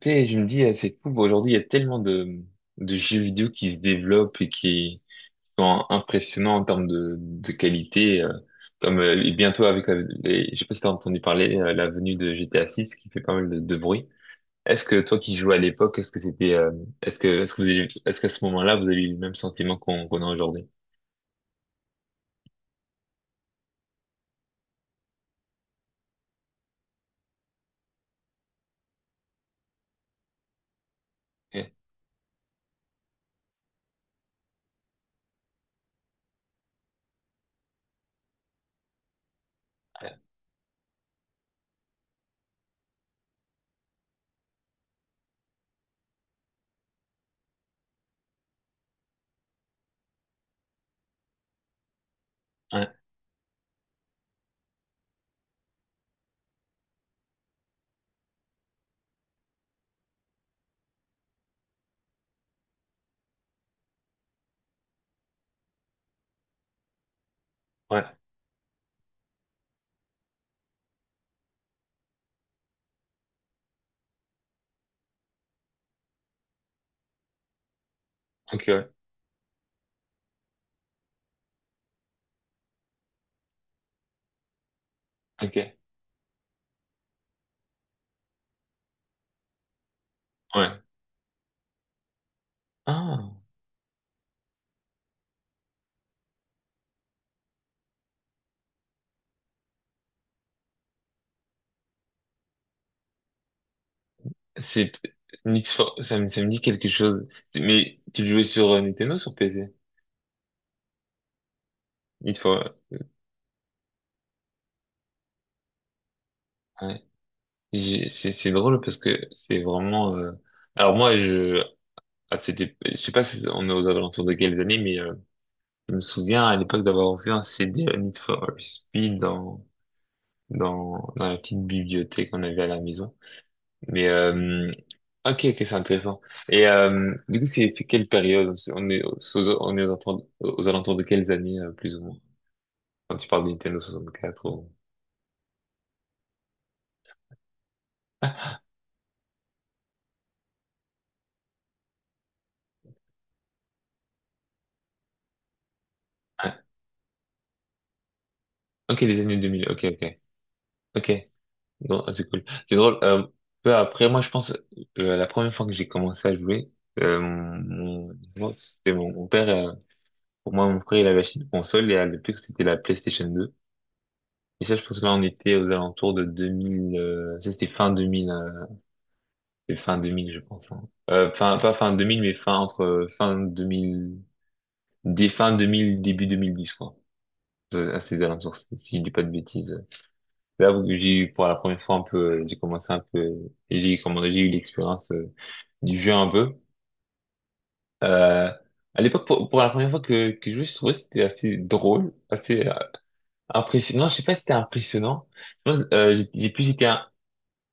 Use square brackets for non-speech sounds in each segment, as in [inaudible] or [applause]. Tu sais, je me dis, c'est fou, aujourd'hui, il y a tellement de jeux vidéo qui se développent et qui sont impressionnants en termes de qualité. Comme Et bientôt avec, je sais pas si t'as entendu parler, la venue de GTA 6 qui fait pas mal de bruit. Est-ce que toi qui jouais à l'époque, est-ce que c'était, est-ce qu'à ce moment-là, vous avez eu le même sentiment qu'on a aujourd'hui? Ok. Ouais, ouais, ok, ouais, ok, ouais. Ah. C'est Need for… ça me dit quelque chose. Mais tu le jouais sur Nintendo ou sur PC? Need for… ouais. C'est drôle parce que c'est vraiment. Alors moi je C'était, je sais pas si on est aux alentours de quelles années mais je me souviens à l'époque d'avoir vu un CD à Need for Speed dans dans la petite bibliothèque qu'on avait à la maison. Mais ok, ok, c'est intéressant. Et du coup c'est quelle période? On est on est aux alentours de quelles années plus ou moins? Quand tu parles de Nintendo 64 ou… Ouais. Ok, les années deux mille, ok, ok. Ok, non, ah, c'est cool. C'est drôle. Peu après, moi, je pense, la première fois que j'ai commencé à jouer, euh, mon, moi, c'était mon père, pour moi, mon frère, il avait acheté une console et à l'époque, c'était la PlayStation 2. Et ça, je pense que là, on était aux alentours de 2000, ça, c'était fin 2000, c'était fin 2000, je pense, hein. Fin, pas fin 2000, mais fin entre fin 2000, dès fin 2000, début 2010, quoi. À ces alentours, si je dis pas de bêtises. C'est là où j'ai eu pour la première fois un peu, j'ai eu l'expérience du jeu un peu. Euh, à l'époque, pour la première fois que je jouais, je trouvais que c'était assez drôle, assez impressionnant. Je sais pas si c'était impressionnant. Je pense,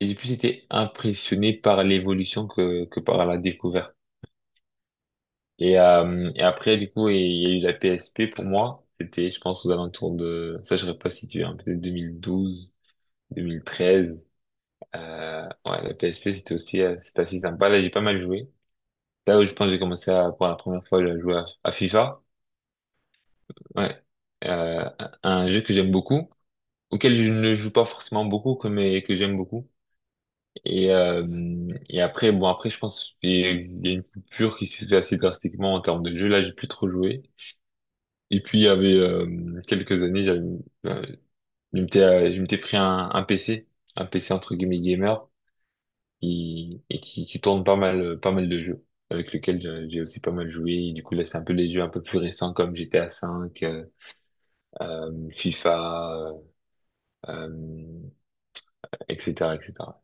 j'ai plus été impressionné par l'évolution que par la découverte. Et après, du coup, il y a eu la PSP pour moi. C'était, je pense, aux alentours de ça, je serais pas situé, hein, peut-être 2012, 2013. Ouais, la PSP, c'était aussi c'était assez sympa. Là, j'ai pas mal joué. Là où je pense que j'ai commencé à, pour la première fois à à FIFA. Ouais. Un jeu que j'aime beaucoup, auquel je ne joue pas forcément beaucoup, mais que j'aime beaucoup. Et, euh, et après, bon, après, je pense qu'il y a une coupure qui s'est fait assez drastiquement en termes de jeu. Là, j'ai plus trop joué. Et puis, il y avait quelques années, j'avais, euh, je m'étais pris un PC, un PC entre guillemets gamer, qui tourne pas mal, pas mal de jeux avec lequel j'ai aussi pas mal joué. Et du coup, là, c'est un peu les jeux un peu plus récents comme GTA V, FIFA, euh, etc., etc.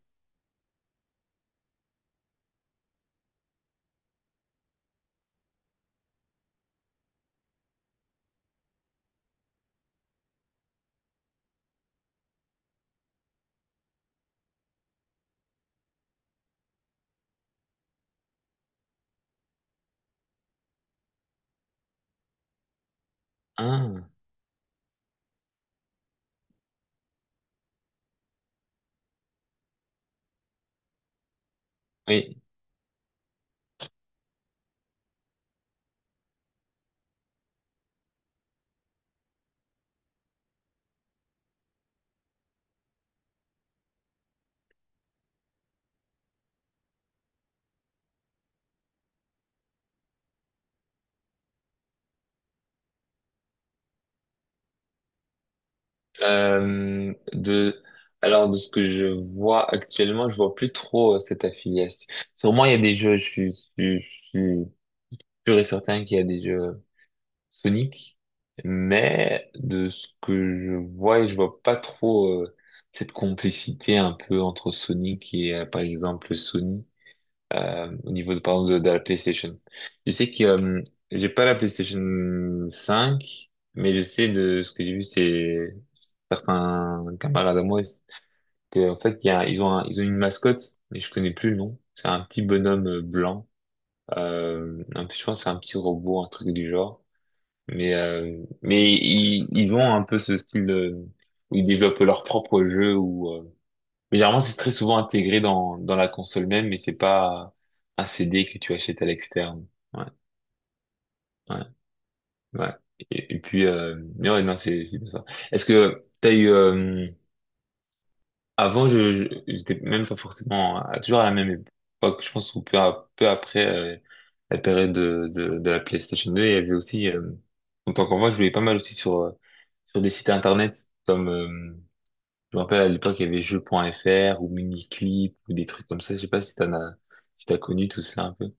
Ah, oui. Euh, de, de ce que je vois actuellement, je vois plus trop cette affiliation. Sûrement, il y a des jeux, je suis sûr et certain qu'il y a des jeux Sonic, mais de ce que je vois, et je vois pas trop cette complicité un peu entre Sonic et par exemple Sony, au niveau par exemple, de la PlayStation. Je sais que j'ai pas la PlayStation cinq, mais je sais de ce que j'ai vu, c'est certains camarades à moi que en fait ils ont ils ont une mascotte, mais je connais plus le nom. C'est un petit bonhomme blanc. Je pense que c'est un petit robot, un truc du genre. Mais ils ont un peu ce style où ils développent leur propre jeu. Mais généralement, c'est très souvent intégré dans, dans la console même, mais c'est pas un CD que tu achètes à l'externe. Ouais, ouais, ouais. Et puis, mais ouais, non, c'est bien ça. Est-ce que t'as eu… Avant, j'étais même pas forcément toujours à la même époque. Je pense qu'un peu, peu après la période de la PlayStation 2, il y avait aussi, en tant qu'enfant, je jouais pas mal aussi sur, sur des sites internet comme, je me rappelle à l'époque, il y avait jeux.fr ou Miniclip ou des trucs comme ça. Je sais pas si si t'as connu tout ça un peu.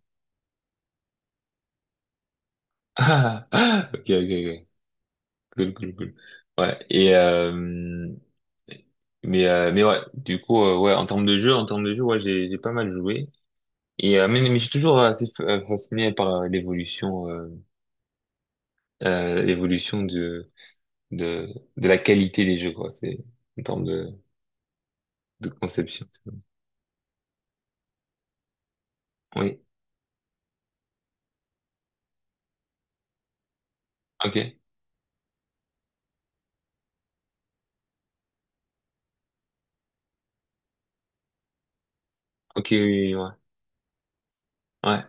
[laughs] Ah, ah, ok, ok, ok. Cool, cool, cool. Ouais. Et, mais ouais, du coup, ouais, en termes de jeu, en termes de jeu, ouais, j'ai pas mal joué. Et mais je suis toujours fasciné par l'évolution de la qualité des jeux, quoi. C'est en termes de conception. C'est bon. Oui. Ok. Ok. Oui, oui, ouais. Ouais.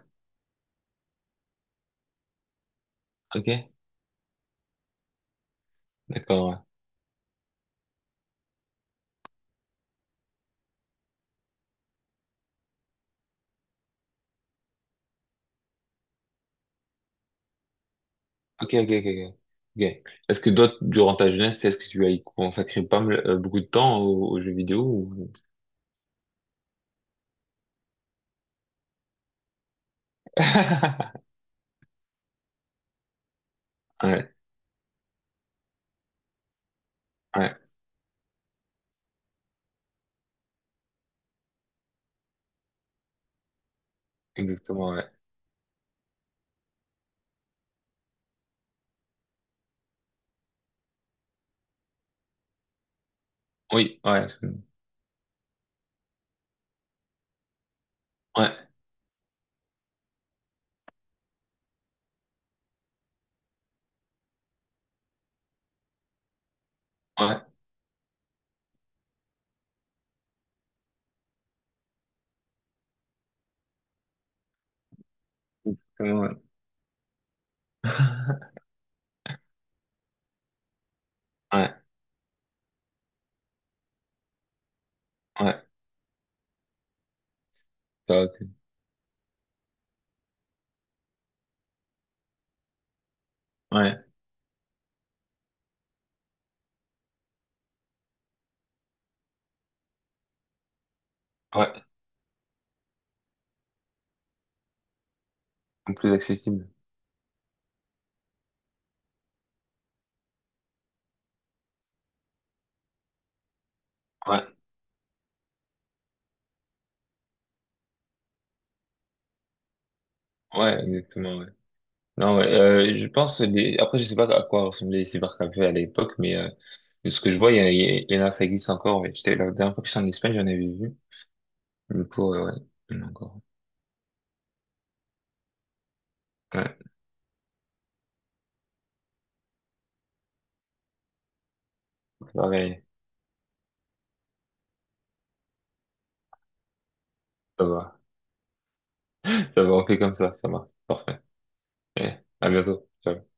Ok. D'accord. Ouais. Ok. Ok. Ok. Ok. Ok. Est-ce que toi, durant ta jeunesse, est-ce que tu as y consacré pas mal, beaucoup de temps aux, aux jeux vidéo ou… [laughs] Ouais. Ouais. Exactement. Ouais. Oui. Ouais, absolument. Ouais. Ouais, absolument, ouais. [laughs] Ouais. Ouais. Ouais. Ouais. Ouais. Plus accessible. Ouais, ouais, exactement, ouais. Non, ouais, je pense, les… après, je sais pas à quoi ressemblaient les cybercafés à l'époque, mais de ce que je vois, il y en a, ça existe encore, ouais. J'étais, la dernière fois que j'étais en Espagne, j'en avais vu. Du coup, ouais, il y en a encore. Ouais, pareil, ça va. [laughs] Ça va, on fait comme ça marche. Parfait. Ouais, à bientôt. Ciao.